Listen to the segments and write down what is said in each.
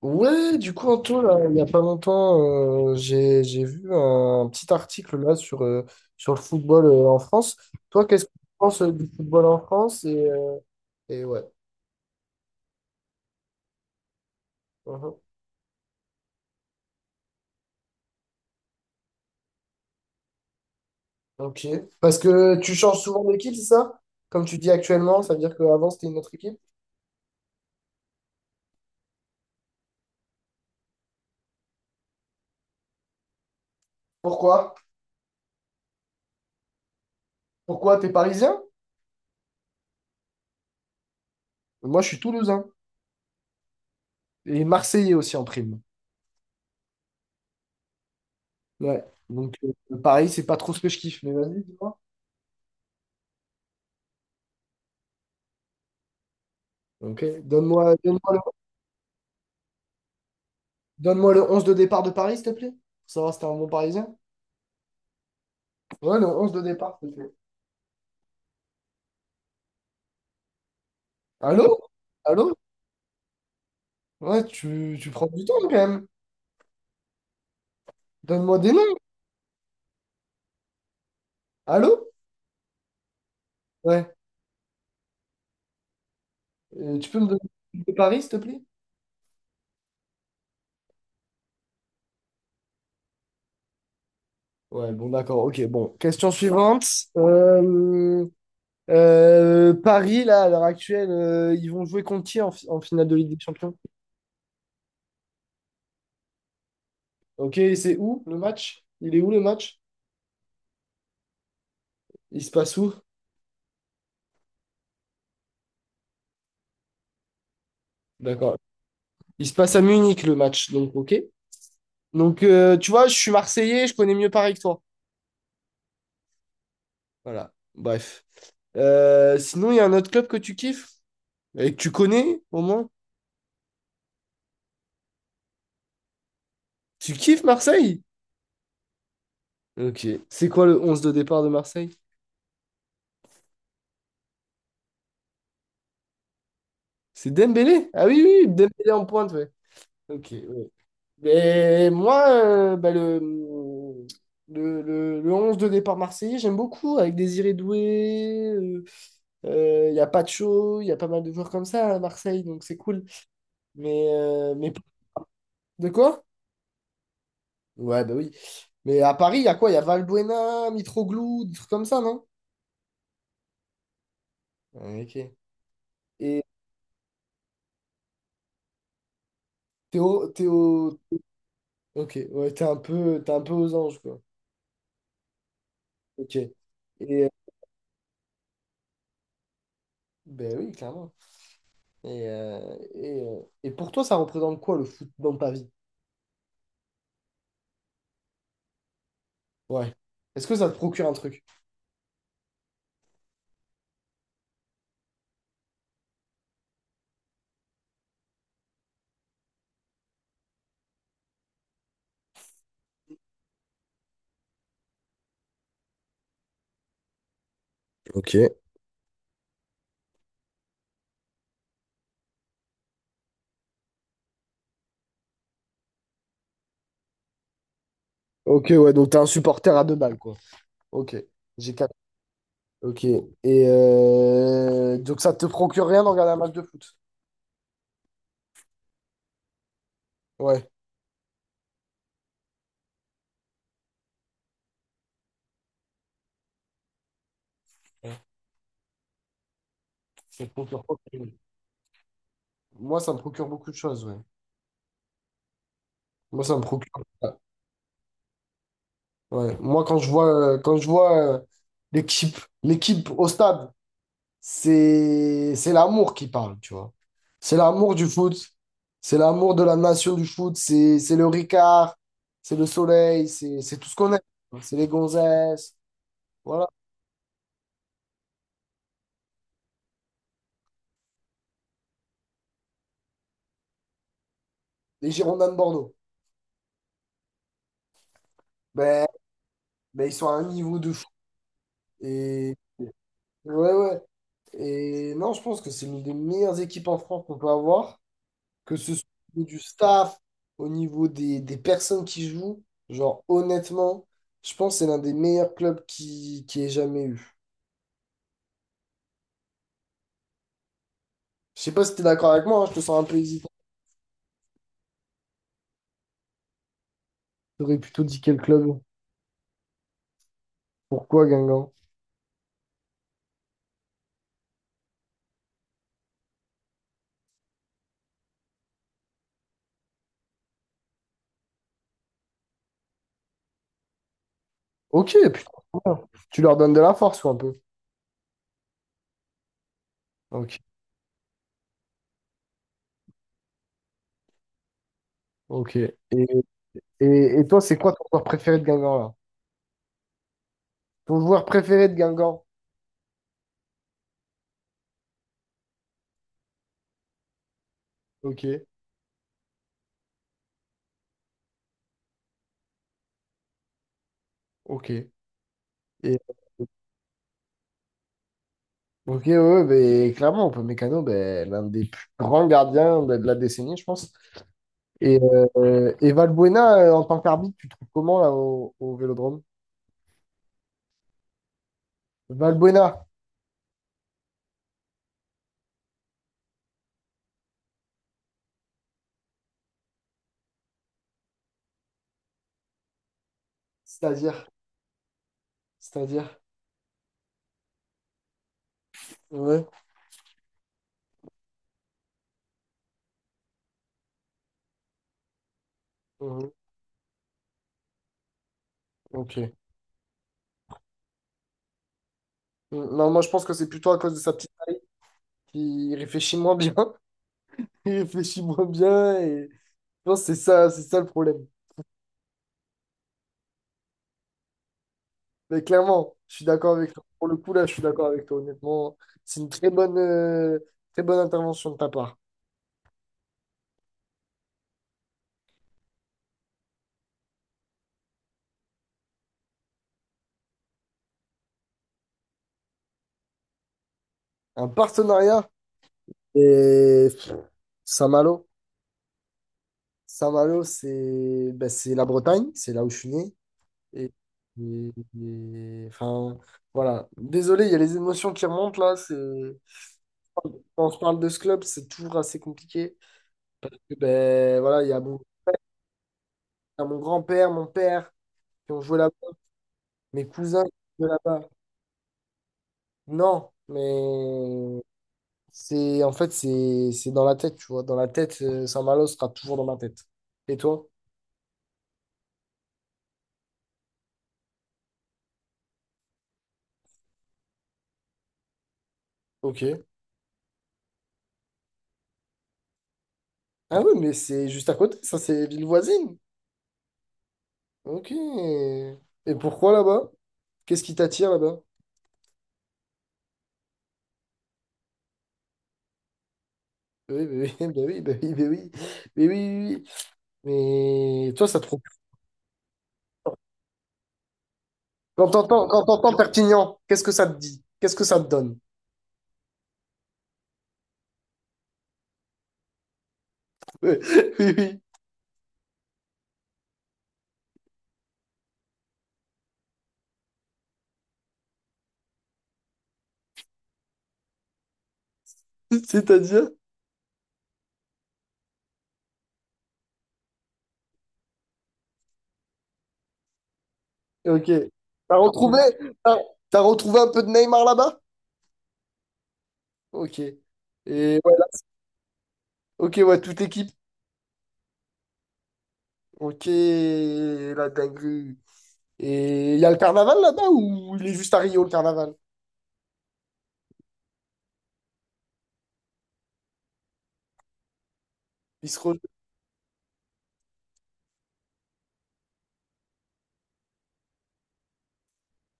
Ouais, du coup, Anto, là, il n'y a pas longtemps, j'ai vu un petit article là sur sur le football en France. Toi, qu'est-ce que tu penses du football en France? Et ouais. Mhm. Ok. Parce que tu changes souvent d'équipe, c'est ça? Comme tu dis actuellement, ça veut dire qu'avant, c'était une autre équipe. Pourquoi? Pourquoi? T'es parisien? Moi, je suis toulousain. Et marseillais aussi en prime. Ouais. Donc, Paris, c'est pas trop ce que je kiffe, mais vas-y, dis-moi. Ok. Donne-moi Donne-moi le 11 de départ de Paris, s'il te plaît. Pour savoir si t'es un bon Parisien. Ouais, le 11 de départ, s'il te plaît. Allô? Allô? Ouais, tu prends du temps quand même. Donne-moi des noms. Allô? Ouais. Tu peux me donner le de Paris, s'il te plaît? Ouais, bon, d'accord. Ok, bon. Question suivante. Euh, Paris, là, à l'heure actuelle, ils vont jouer contre qui en, en finale de Ligue des Champions? Ok, c'est où le match? Il est où le match? Il se passe où? D'accord. Il se passe à Munich le match, donc ok. Donc, tu vois, je suis Marseillais, je connais mieux Paris que toi. Voilà, bref. Sinon, il y a un autre club que tu kiffes? Et que tu connais, au moins? Tu kiffes Marseille? Ok. C'est quoi le onze de départ de Marseille? C'est Dembélé? Ah oui, oui, oui, Dembélé en pointe, ouais. Ok, ouais. Mais moi, bah, le 11 de départ marseillais, j'aime beaucoup, avec Désiré Doué, il y a Pacho, il y a pas mal de joueurs comme ça à Marseille, donc c'est cool. Mais de quoi? Ouais, bah oui. Mais à Paris, il y a quoi? Il y a Valbuena, Mitroglou, des trucs comme ça, non? Ouais, Ok. Et Théo... Ok, ouais, t'es un peu aux anges, quoi. Ok. Et, euh, ben oui, clairement. Et pour toi, ça représente quoi, le foot dans ta vie? Ouais. Est-ce que ça te procure un truc? Ok. Ok, ouais, donc t'es un supporter à deux balles, quoi. Ok. J'ai quatre. Ok. Et donc ça te procure rien d'en regarder un match de foot? Ouais. Ouais, ça te procure pas. Moi, ça me procure beaucoup de choses, ouais. Moi, ça me procure. Ouais. Moi, quand je vois l'équipe, l'équipe au stade, c'est l'amour qui parle, tu vois. C'est l'amour du foot, c'est l'amour de la nation du foot, c'est le Ricard, c'est le soleil, c'est tout ce qu'on aime. C'est les gonzesses, voilà. Les Girondins de Bordeaux. Ben, ben, ils sont à un niveau de fou. Et, ouais. Et non, je pense que c'est l'une des meilleures équipes en France qu'on peut avoir. Que ce soit au niveau du staff, au niveau des personnes qui jouent, genre honnêtement, je pense que c'est l'un des meilleurs clubs qui ait jamais eu. Je sais pas si t'es d'accord avec moi, hein, je te sens un peu hésitant. T'aurais plutôt dit quel club? Pourquoi Guingamp? Ok, putain, c'est bien. Tu leur donnes de la force ou un peu? Ok, ok. Et toi, c'est quoi ton joueur préféré de Guingamp là? Ton joueur préféré de Guingamp? Ok, ok. Et- Ok, ouais, ouais, mais clairement, on peut Mécano, ben, l'un des plus grands gardiens ben, de la décennie, je pense. Et, et Valbuena, en tant qu'arbitre, tu te trouves comment là au Vélodrome? Valbuena, c'est-à-dire, c'est-à-dire. Ouais. Mhm. Ok. Mm, non, moi je pense que c'est plutôt à cause de sa petite taille qu'il réfléchit moins bien. Il réfléchit moins bien et je pense que c'est ça le problème. Mais clairement, je suis d'accord avec toi. Pour le coup, là, je suis d'accord avec toi, honnêtement. C'est une très bonne intervention de ta part. Un partenariat et pff, Saint-Malo. Saint-Malo, c'est ben, c'est la Bretagne, c'est là où je suis né. Et, et- enfin, voilà. Désolé, il y a les émotions qui remontent là. C'est... Quand on se parle de ce club, c'est toujours assez compliqué. Et ben, voilà, il y a mon grand-père, mon père qui ont joué là-bas, mes cousins qui ont joué là-bas. Non, mais c'est en fait, c'est dans la tête, tu vois. Dans la tête, Saint-Malo sera toujours dans ma tête. Et toi? Ok. Ah oui, mais c'est juste à côté, ça, c'est ville voisine. Ok. Et pourquoi là-bas? Qu'est-ce qui t'attire là-bas? Oui, bah oui, bah oui, bah oui, bah oui, mais oui, oui, oui. Mais toi, ça te procure. Quand t'entends Perpignan, qu'est-ce que ça te dit? Qu'est-ce que ça te donne? Oui, oui, oui. C'est-à-dire? Ok. T'as retrouvé, t'as, t'as retrouvé un peu de Neymar là-bas? Ok. Et voilà. Ok, ouais, toute l'équipe. Ok, la dinguerie. Et il y a le carnaval là-bas ou il est juste à Rio le carnaval? Il se re...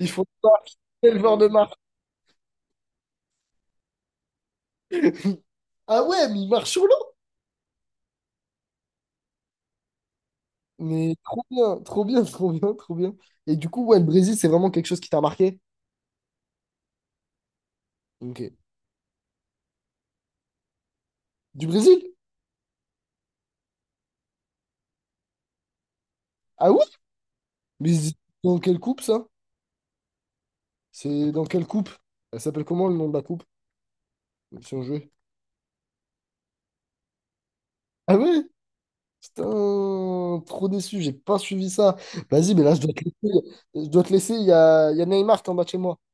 Il faut voir quel genre de marque. Ah ouais, mais il marche sur l'eau. Mais trop bien, trop bien, trop bien, trop bien. Et du coup, ouais, le Brésil, c'est vraiment quelque chose qui t'a marqué? Ok. Du Brésil? Ah ouais? Mais c'est dans quelle coupe ça? C'est dans quelle coupe? Elle s'appelle comment le nom de la coupe? Si on jouait. Ah ouais? Putain, trop déçu, j'ai pas suivi ça. Vas-y, mais là, je dois te laisser. Je dois te laisser, il y a Neymar qui est en bas de chez moi.